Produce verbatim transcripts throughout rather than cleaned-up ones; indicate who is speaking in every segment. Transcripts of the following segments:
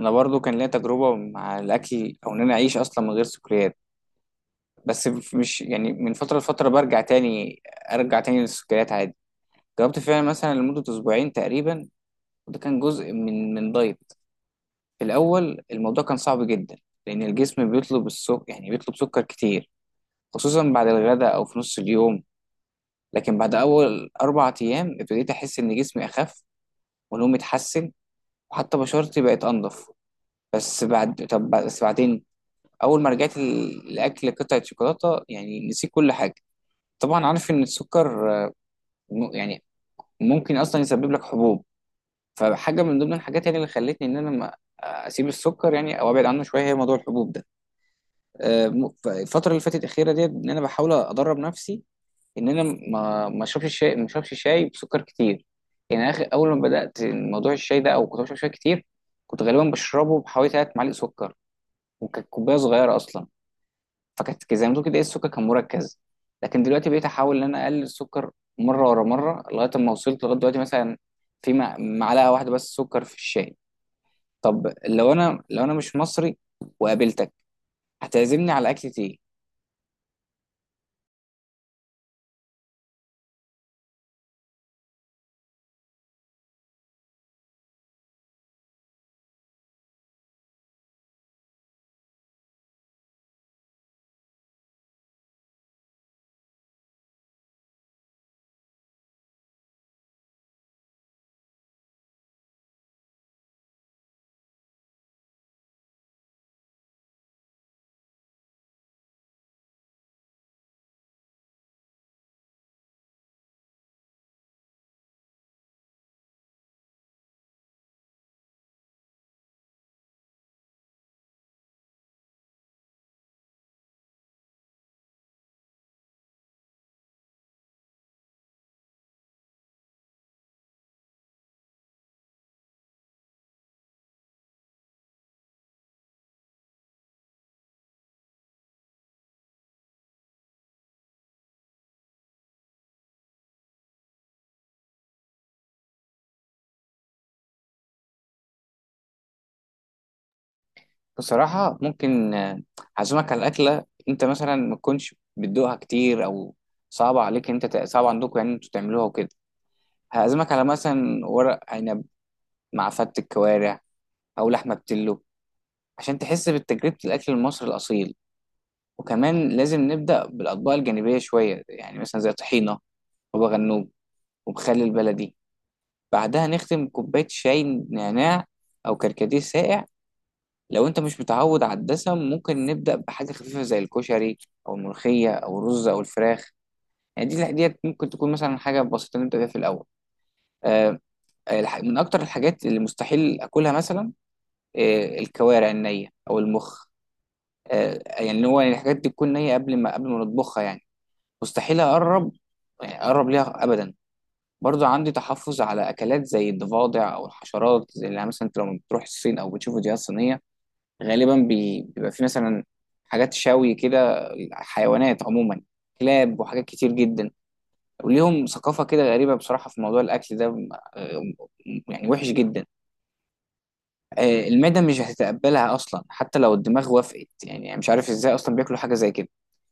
Speaker 1: انا برضو كان ليا تجربه مع الاكل او ان انا اعيش اصلا من غير سكريات. بس ف- مش يعني من فتره لفتره برجع تاني، ارجع تاني للسكريات عادي. جربت فعلا مثلا لمده اسبوعين تقريبا، وده كان جزء من من دايت. في الاول الموضوع كان صعب جدا، لان الجسم بيطلب السكر، يعني بيطلب سكر كتير، خصوصا بعد الغداء او في نص اليوم. لكن بعد اول اربع ايام ابتديت احس ان جسمي اخف، ونومي اتحسن، وحتى بشرتي بقت انضف. بس بعد طب بس بعدين اول ما رجعت ال- لاكل قطعه شوكولاته يعني نسيت كل حاجه. طبعا عارف ان السكر، آه، م- يعني ممكن اصلا يسبب لك حبوب، فحاجه من ضمن الحاجات يعني اللي خلتني ان انا ما اسيب السكر يعني او ابعد عنه شويه هي موضوع الحبوب ده. آه، م- ف- الفتره اللي فاتت الاخيره ديت ان انا بحاول ادرب نفسي ان انا ما ما اشربش شاي، ما اشربش شاي بسكر كتير. يعني اخر اول ما بدات موضوع الشاي ده او كنت بشرب شاي كتير، كنت غالبا بشربه بحوالي تلات معالق سكر، وكانت كوبايه صغيره اصلا، فكانت كده- زي ما تقول كده ايه، السكر كان مركز. لكن دلوقتي بقيت احاول ان انا اقلل السكر، مره ورا مره، لغايه اما وصلت لغايه دلوقتي مثلا في مع- معلقه واحده بس سكر في الشاي. طب لو انا، لو انا مش مصري وقابلتك، هتعزمني على اكلة ايه؟ بصراحه ممكن، آه، هعزمك على اكله انت مثلا ما تكونش بتدوقها كتير، او صعبه عليك انت تع- صعب عندكم يعني انتوا تعملوها وكده. هعزمك على مثلا ورق عنب مع فتة كوارع او لحمه بتلو، عشان تحس بتجربه الاكل المصري الاصيل. وكمان لازم نبدأ بالأطباق الجانبية شوية، يعني مثلا زي طحينة، بابا غنوج، ومخلل البلدي. بعدها نختم كوباية شاي نعناع أو كركديه ساقع. لو أنت مش متعود على الدسم ممكن نبدأ بحاجة خفيفة زي الكشري أو الملوخية أو الرز أو الفراخ. يعني دي ديت ممكن تكون مثلا حاجة بسيطة نبدأ بيها في الأول. آه، الح- من أكتر الحاجات اللي مستحيل أكلها مثلا، آه، الكوارع النية أو المخ. آه، يعني اللي هو يعني الحاجات دي تكون نية قبل ما قبل ما نطبخها يعني، مستحيل اقرب، يعني اقرب ليها ابدا. برضو عندي تحفظ على اكلات زي الضفادع او الحشرات، زي اللي يعني مثلا انت لما بتروح الصين او بتشوف فيديوهات صينيه، غالبا بي- بيبقى في مثلا حاجات شوي كده، حيوانات عموما، كلاب وحاجات كتير جدا، وليهم ثقافه كده غريبه بصراحه في موضوع الاكل ده. م- آه، يعني وحش جدا. آه، المعده مش هتتقبلها اصلا حتى لو الدماغ وافقت، يعني مش عارف ازاي اصلا بياكلوا حاجه زي كده.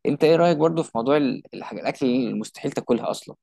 Speaker 1: انت ايه رايك برضو في موضوع ال- الحاجة- الاكل اللي مستحيل تاكلها اصلا؟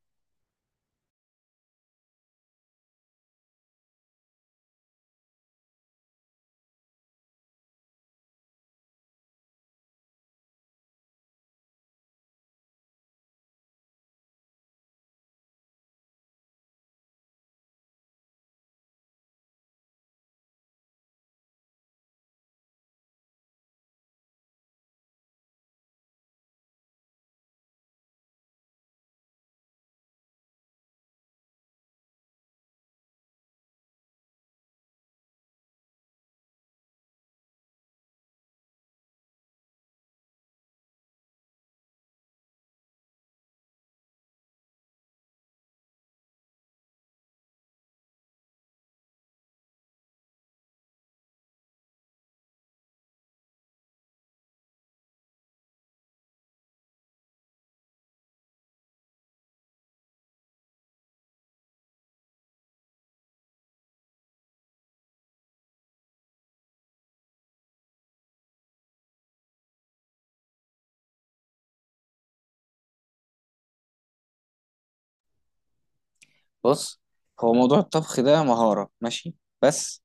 Speaker 1: بص، هو موضوع الطبخ ده مهارة ماشي، بس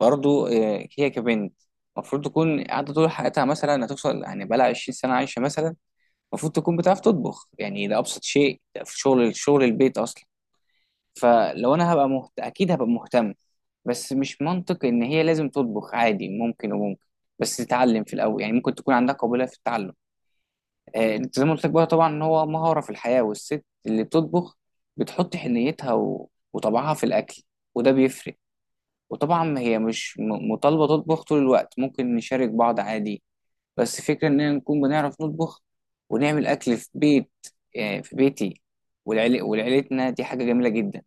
Speaker 1: برضو، آه، هي كبنت المفروض تكون قاعدة طول حياتها مثلا، هتوصل يعني بقالها عشرين سنة عايشة مثلا، المفروض تكون بتعرف تطبخ. يعني ده أبسط شيء في شغل شغل البيت أصلا. فلو أنا هبقى مهت... أكيد هبقى مهتم. بس مش منطق إن هي لازم تطبخ، عادي، ممكن وممكن، بس تتعلم في الأول، يعني ممكن تكون عندها قابلية في التعلم. آه، انت زي ما قلت لك بقى طبعا ان هو مهاره في الحياه، والست اللي بتطبخ بتحط حنيتها و... وطبعها في الاكل، وده بيفرق. وطبعا هي مش م- مطالبه تطبخ طول الوقت، ممكن نشارك بعض عادي، بس فكره اننا نكون بنعرف نطبخ ونعمل اكل في بيت، آه، في بيتي والعيل... ولعيلتنا دي حاجه جميله جدا.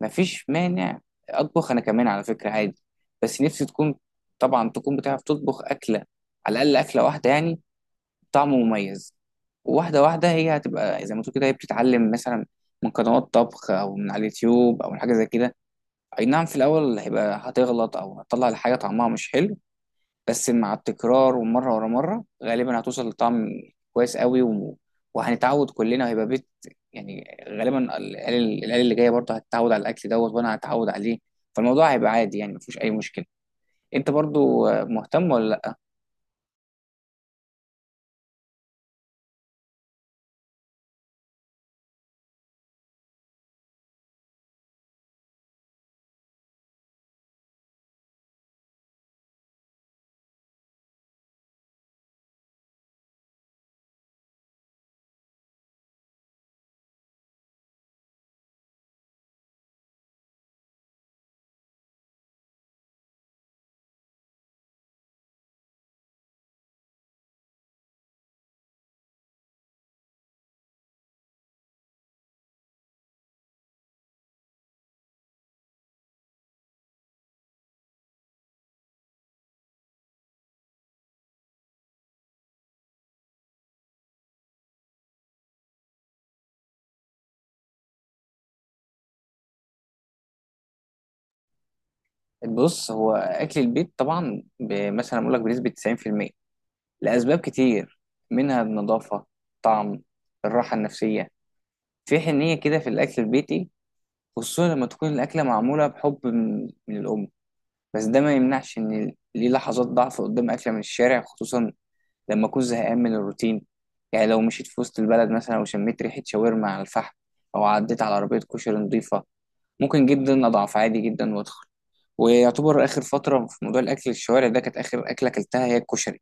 Speaker 1: مفيش مانع اطبخ انا كمان على فكره عادي، بس نفسي تكون، طبعا تكون بتعرف تطبخ اكله، على الاقل اكله واحده يعني، طعمه مميز. واحدة واحدة، هي هتبقى زي ما تقول كده هي بتتعلم مثلا من قنوات طبخ أو من على اليوتيوب أو من حاجة زي كده. أي نعم في الأول هيبقى هتغلط أو هتطلع الحاجة طعمها مش حلو، بس مع التكرار ومرة ورا مرة غالبا هتوصل لطعم كويس قوي و... وهنتعود كلنا وهيبقى بيت. يعني غالبا العيال العيال اللي جاية برضه هتتعود على الأكل دوت وأنا هتعود عليه. فالموضوع هيبقى عادي، يعني مفيش أي مشكلة. أنت برضه مهتم ولا لأ؟ بص، هو اكل البيت طبعا ب- مثلا اقول لك بنسبه تسعين في المية، لاسباب كتير، منها النظافه، طعم، الراحه النفسيه، في حنيه كده في الاكل البيتي، خصوصا لما تكون الاكله معموله بحب من من الام. بس ده ما يمنعش ان ليه لحظات ضعف قدام اكله من الشارع، خصوصا لما اكون زهقان من الروتين. يعني لو مشيت في وسط البلد مثلا وشميت ريحه شاورما على الفحم او عديت على عربيه كشري نظيفه، ممكن جدا اضعف عادي جدا وادخل. ويعتبر اخر فتره في موضوع الاكل الشوارع ده كانت اخر اكله اكلتها هي الكشري.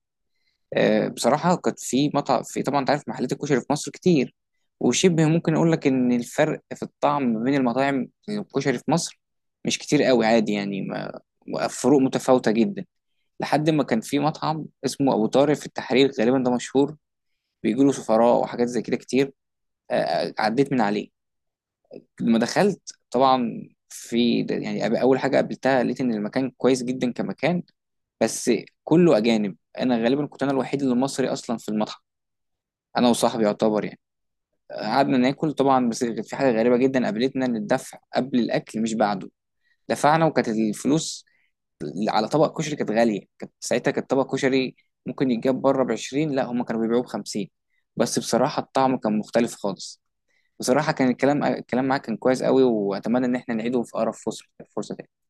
Speaker 1: أه بصراحه كانت في مطعم، في طبعا انت عارف محلات الكشري في مصر كتير، وشبه ممكن اقول لك ان الفرق في الطعم ما بين المطاعم الكشري في مصر مش كتير قوي، عادي يعني، ما فروق متفاوته جدا. لحد ما كان في مطعم اسمه ابو طارق في التحرير، غالبا ده مشهور بيجيله سفراء وحاجات زي كده كتير. أه عديت من عليه. لما دخلت طبعا في ده- يعني أب- اول حاجه قابلتها لقيت ان المكان كويس جدا كمكان، بس كله اجانب، انا غالبا كنت انا الوحيد اللي مصري اصلا في المطعم، انا وصاحبي يعتبر يعني. قعدنا ناكل طبعا، بس كانت في حاجه غريبه جدا قابلتنا ان الدفع قبل الاكل مش بعده. دفعنا وكانت الفلوس على طبق كشري كانت غاليه، كانت ساعتها كانت طبق كشري ممكن يتجاب بره ب عشرين، لا هم كانوا بيبيعوه ب خمسين. بس بصراحه الطعم كان مختلف خالص. بصراحة كان الكلام الكلام معاك كان كويس قوي، وأتمنى إن احنا نعيده في أقرب فرصة، فرصة تاني.